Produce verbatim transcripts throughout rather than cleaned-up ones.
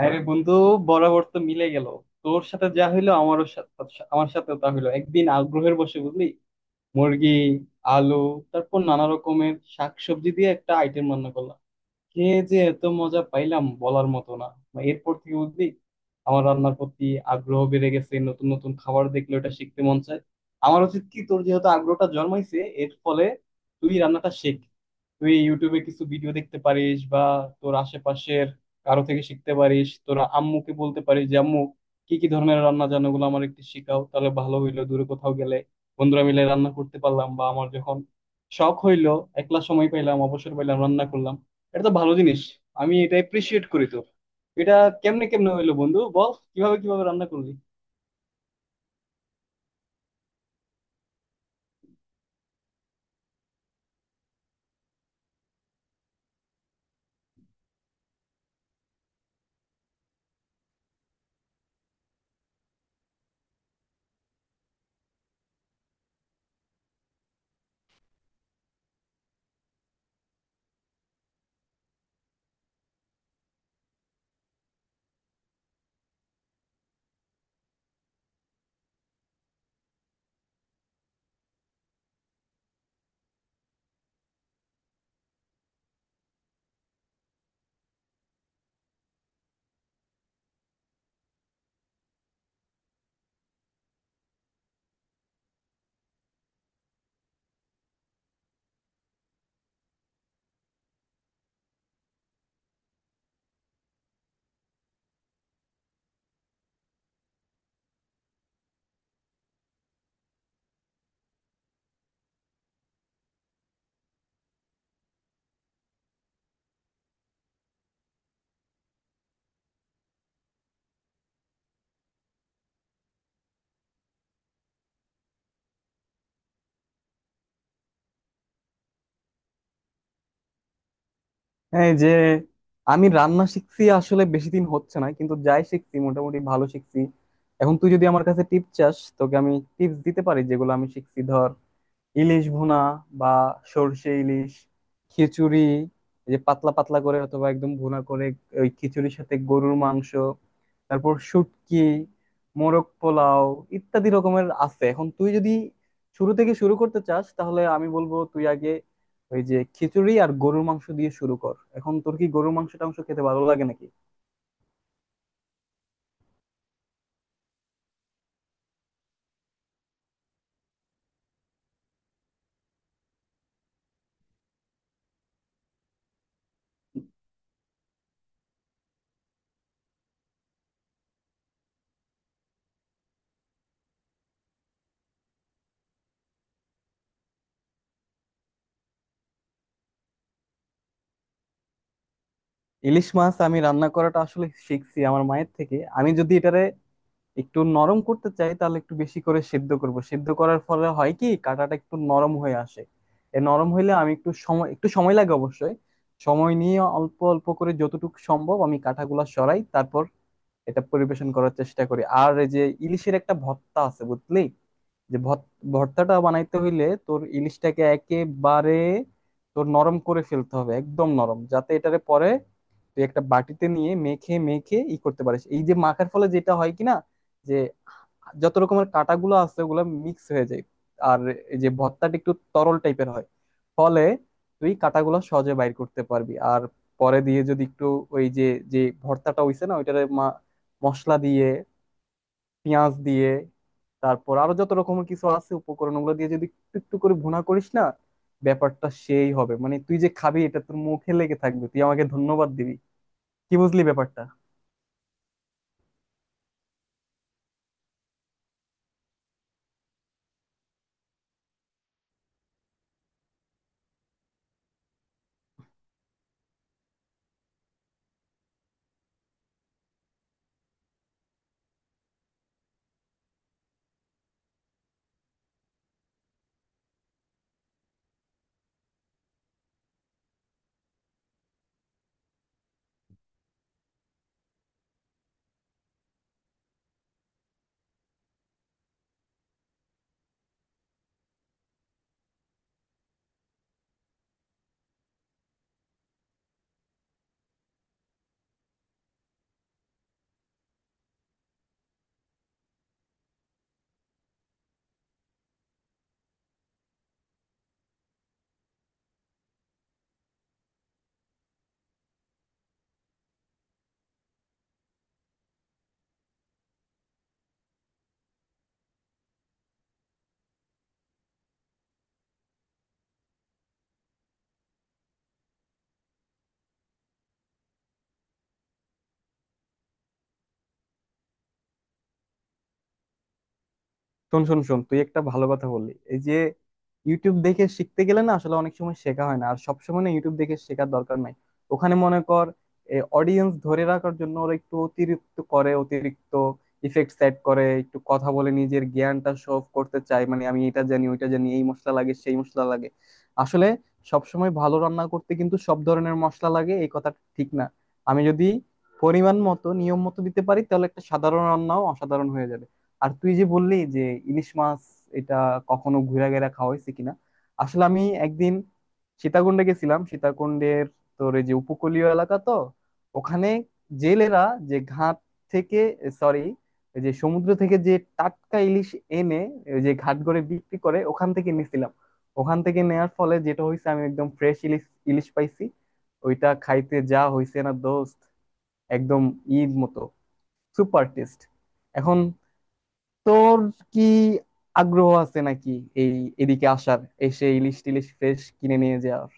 আরে বন্ধু, বরাবর তো মিলে গেল। তোর সাথে যা হইলো আমারও সাথে- আমার সাথেও তা হইলো। একদিন আগ্রহের বসে, বুঝলি, মুরগি, আলু, তারপর নানা রকমের শাকসবজি দিয়ে একটা আইটেম রান্না করলাম। কে যে এত মজা পাইলাম, বলার মতো না। মানে এরপর থেকে, বুঝলি, আমার রান্নার প্রতি আগ্রহ বেড়ে গেছে। নতুন নতুন খাবার দেখলে ওটা শিখতে মন চায়। আমার উচিত কি, তোর যেহেতু আগ্রহটা জন্মাইছে, এর ফলে তুই রান্নাটা শেখ। তুই ইউটিউবে কিছু ভিডিও দেখতে পারিস, বা তোর আশেপাশের কারো থেকে শিখতে পারিস। তোর আম্মুকে বলতে পারিস যে আম্মু, কি কি ধরনের রান্না জানো গুলো আমার একটু শিখাও। তাহলে ভালো হইলো, দূরে কোথাও গেলে বন্ধুরা মিলে রান্না করতে পারলাম, বা আমার যখন শখ হইলো, একলা সময় পাইলাম, অবসর পাইলাম, রান্না করলাম। এটা তো ভালো জিনিস, আমি এটা এপ্রিসিয়েট করি তো। এটা কেমনে কেমনে হইলো বন্ধু, বল কিভাবে কিভাবে রান্না করলি। হ্যাঁ, এই যে, আমি রান্না শিখছি আসলে বেশি দিন হচ্ছে না, কিন্তু যাই শিখছি মোটামুটি ভালো শিখছি। এখন তুই যদি আমার কাছে টিপ চাস, তোকে আমি টিপস দিতে পারি যেগুলো আমি শিখছি। ধর, ইলিশ ভুনা, বা সর্ষে ইলিশ, খিচুড়ি, এই যে পাতলা পাতলা করে অথবা একদম ভুনা করে, ওই খিচুড়ির সাথে গরুর মাংস, তারপর শুটকি, মোরগ পোলাও, ইত্যাদি রকমের আছে। এখন তুই যদি শুরু থেকে শুরু করতে চাস, তাহলে আমি বলবো তুই আগে ওই যে খিচুড়ি আর গরুর মাংস দিয়ে শুরু কর। এখন তোর কি গরুর মাংস টাংস খেতে ভালো লাগে নাকি? ইলিশ মাছ আমি রান্না করাটা আসলে শিখছি আমার মায়ের থেকে। আমি যদি এটারে একটু নরম করতে চাই, তাহলে একটু বেশি করে সিদ্ধ করব। সিদ্ধ করার ফলে হয় কি, কাঁটাটা একটু নরম হয়ে আসে। এ নরম হইলে আমি একটু সময় একটু সময় লাগে অবশ্যই। সময় নিয়ে অল্প অল্প করে যতটুকু সম্ভব আমি কাঁটাগুলা সরাই, তারপর এটা পরিবেশন করার চেষ্টা করি। আর এই যে ইলিশের একটা ভর্তা আছে, বুঝলি, যে ভত- ভর্তাটা বানাইতে হইলে তোর ইলিশটাকে একেবারে তোর নরম করে ফেলতে হবে, একদম নরম, যাতে এটারে পরে তুই একটা বাটিতে নিয়ে মেখে মেখে ই করতে পারিস। এই যে মাখার ফলে যেটা হয় কি না যে, যত রকমের কাঁটাগুলো আছে ওগুলো মিক্স হয়ে যায়। আর এই যে ভর্তাটা একটু তরল টাইপের হয়, ফলে তুই কাঁটাগুলো সহজে বাইর করতে পারবি। আর পরে দিয়ে যদি একটু ওই যে, যে ভর্তাটা হইছে না, ওইটারে মা- মশলা দিয়ে, পেঁয়াজ দিয়ে, তারপর আরো যত রকমের কিছু আছে উপকরণ, ওগুলো দিয়ে যদি একটু একটু করে ভুনা করিস না, ব্যাপারটা সেই হবে। মানে তুই যে খাবি, এটা তোর মুখে লেগে থাকবে, তুই আমাকে ধন্যবাদ দিবি। কি বুঝলি ব্যাপারটা? শোন শোন শোন তুই একটা ভালো কথা বললি। এই যে ইউটিউব দেখে শিখতে গেলে না, আসলে অনেক সময় শেখা হয় না। আর সবসময় না ইউটিউব দেখে শেখার দরকার নাই। ওখানে মনে কর, অডিয়েন্স ধরে রাখার জন্য ওরা একটু অতিরিক্ত করে, অতিরিক্ত ইফেক্ট সেট করে, একটু কথা বলে নিজের জ্ঞানটা শো অফ করতে চায়। মানে আমি এটা জানি, ওইটা জানি, এই মশলা লাগে, সেই মশলা লাগে। আসলে সবসময় ভালো রান্না করতে কিন্তু সব ধরনের মশলা লাগে, এই কথাটা ঠিক না। আমি যদি পরিমাণ মতো নিয়ম মতো দিতে পারি, তাহলে একটা সাধারণ রান্নাও অসাধারণ হয়ে যাবে। আর তুই যে বললি যে ইলিশ মাছ, এটা কখনো ঘুরা ঘেরা খাওয়া হয়েছে কিনা। আসলে আমি একদিন সীতাকুণ্ডে গেছিলাম। সীতাকুণ্ডের তোর এই যে উপকূলীয় এলাকা তো, ওখানে জেলেরা যে ঘাট থেকে, সরি, যে সমুদ্র থেকে যে টাটকা ইলিশ এনে ওই যে ঘাট করে বিক্রি করে, ওখান থেকে নিছিলাম। ওখান থেকে নেয়ার ফলে যেটা হয়েছে, আমি একদম ফ্রেশ ইলিশ ইলিশ পাইছি। ওইটা খাইতে যা হয়েছে না দোস্ত, একদম ঈদ মতো সুপার টেস্ট। এখন তোর কি আগ্রহ আছে নাকি এই এদিকে আসার, এসে ইলিশ টিলিশ ফ্রেশ কিনে নিয়ে যাওয়ার?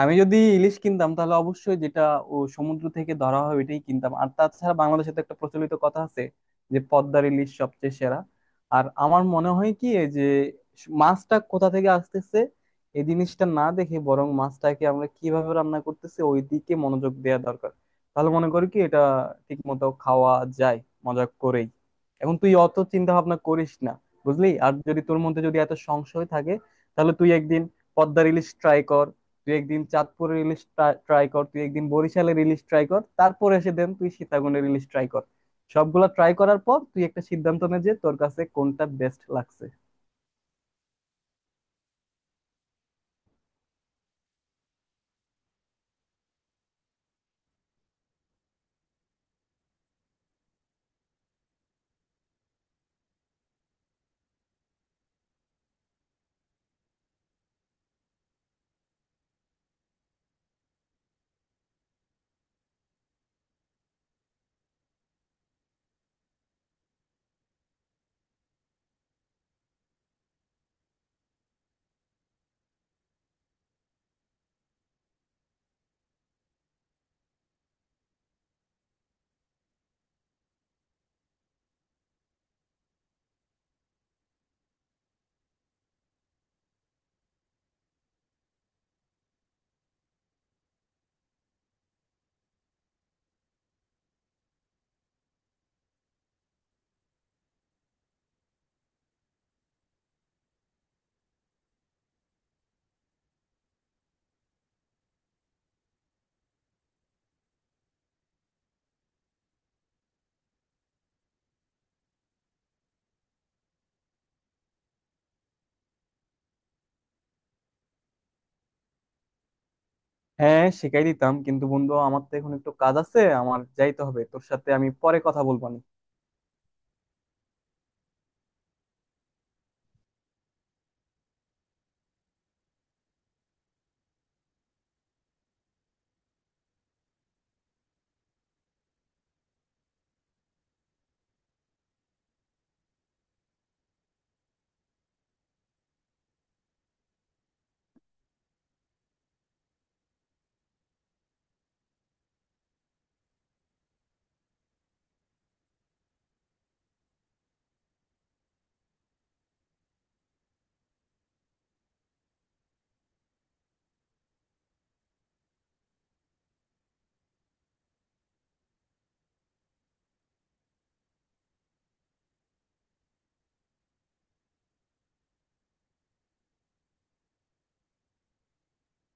আমি যদি ইলিশ কিনতাম, তাহলে অবশ্যই যেটা ও সমুদ্র থেকে ধরা হয় ওইটাই কিনতাম। আর তাছাড়া বাংলাদেশে তো একটা প্রচলিত কথা আছে যে পদ্মার ইলিশ সবচেয়ে সেরা। আর আমার মনে হয় কি, এই যে মাছটা কোথা থেকে আসতেছে এই জিনিসটা না দেখে, বরং মাছটাকে আমরা কিভাবে রান্না করতেছি ওই দিকে মনোযোগ দেওয়া দরকার। তাহলে মনে করি কি, এটা ঠিক মতো খাওয়া যায় মজা করেই। এখন তুই অত চিন্তা ভাবনা করিস না, বুঝলি। আর যদি তোর মধ্যে যদি এত সংশয় থাকে, তাহলে তুই একদিন পদ্মার ইলিশ ট্রাই কর, তুই একদিন চাঁদপুরের ইলিশ ট্রাই কর, তুই একদিন বরিশালের ইলিশ ট্রাই কর, তারপরে এসে দেন তুই সীতাকুণ্ডের ইলিশ ট্রাই কর। সবগুলা ট্রাই করার পর তুই একটা সিদ্ধান্ত নে যে তোর কাছে কোনটা বেস্ট লাগছে। হ্যাঁ, শিখাই দিতাম, কিন্তু বন্ধু আমার তো এখন একটু কাজ আছে, আমার যাইতে হবে। তোর সাথে আমি পরে কথা বলবো নি।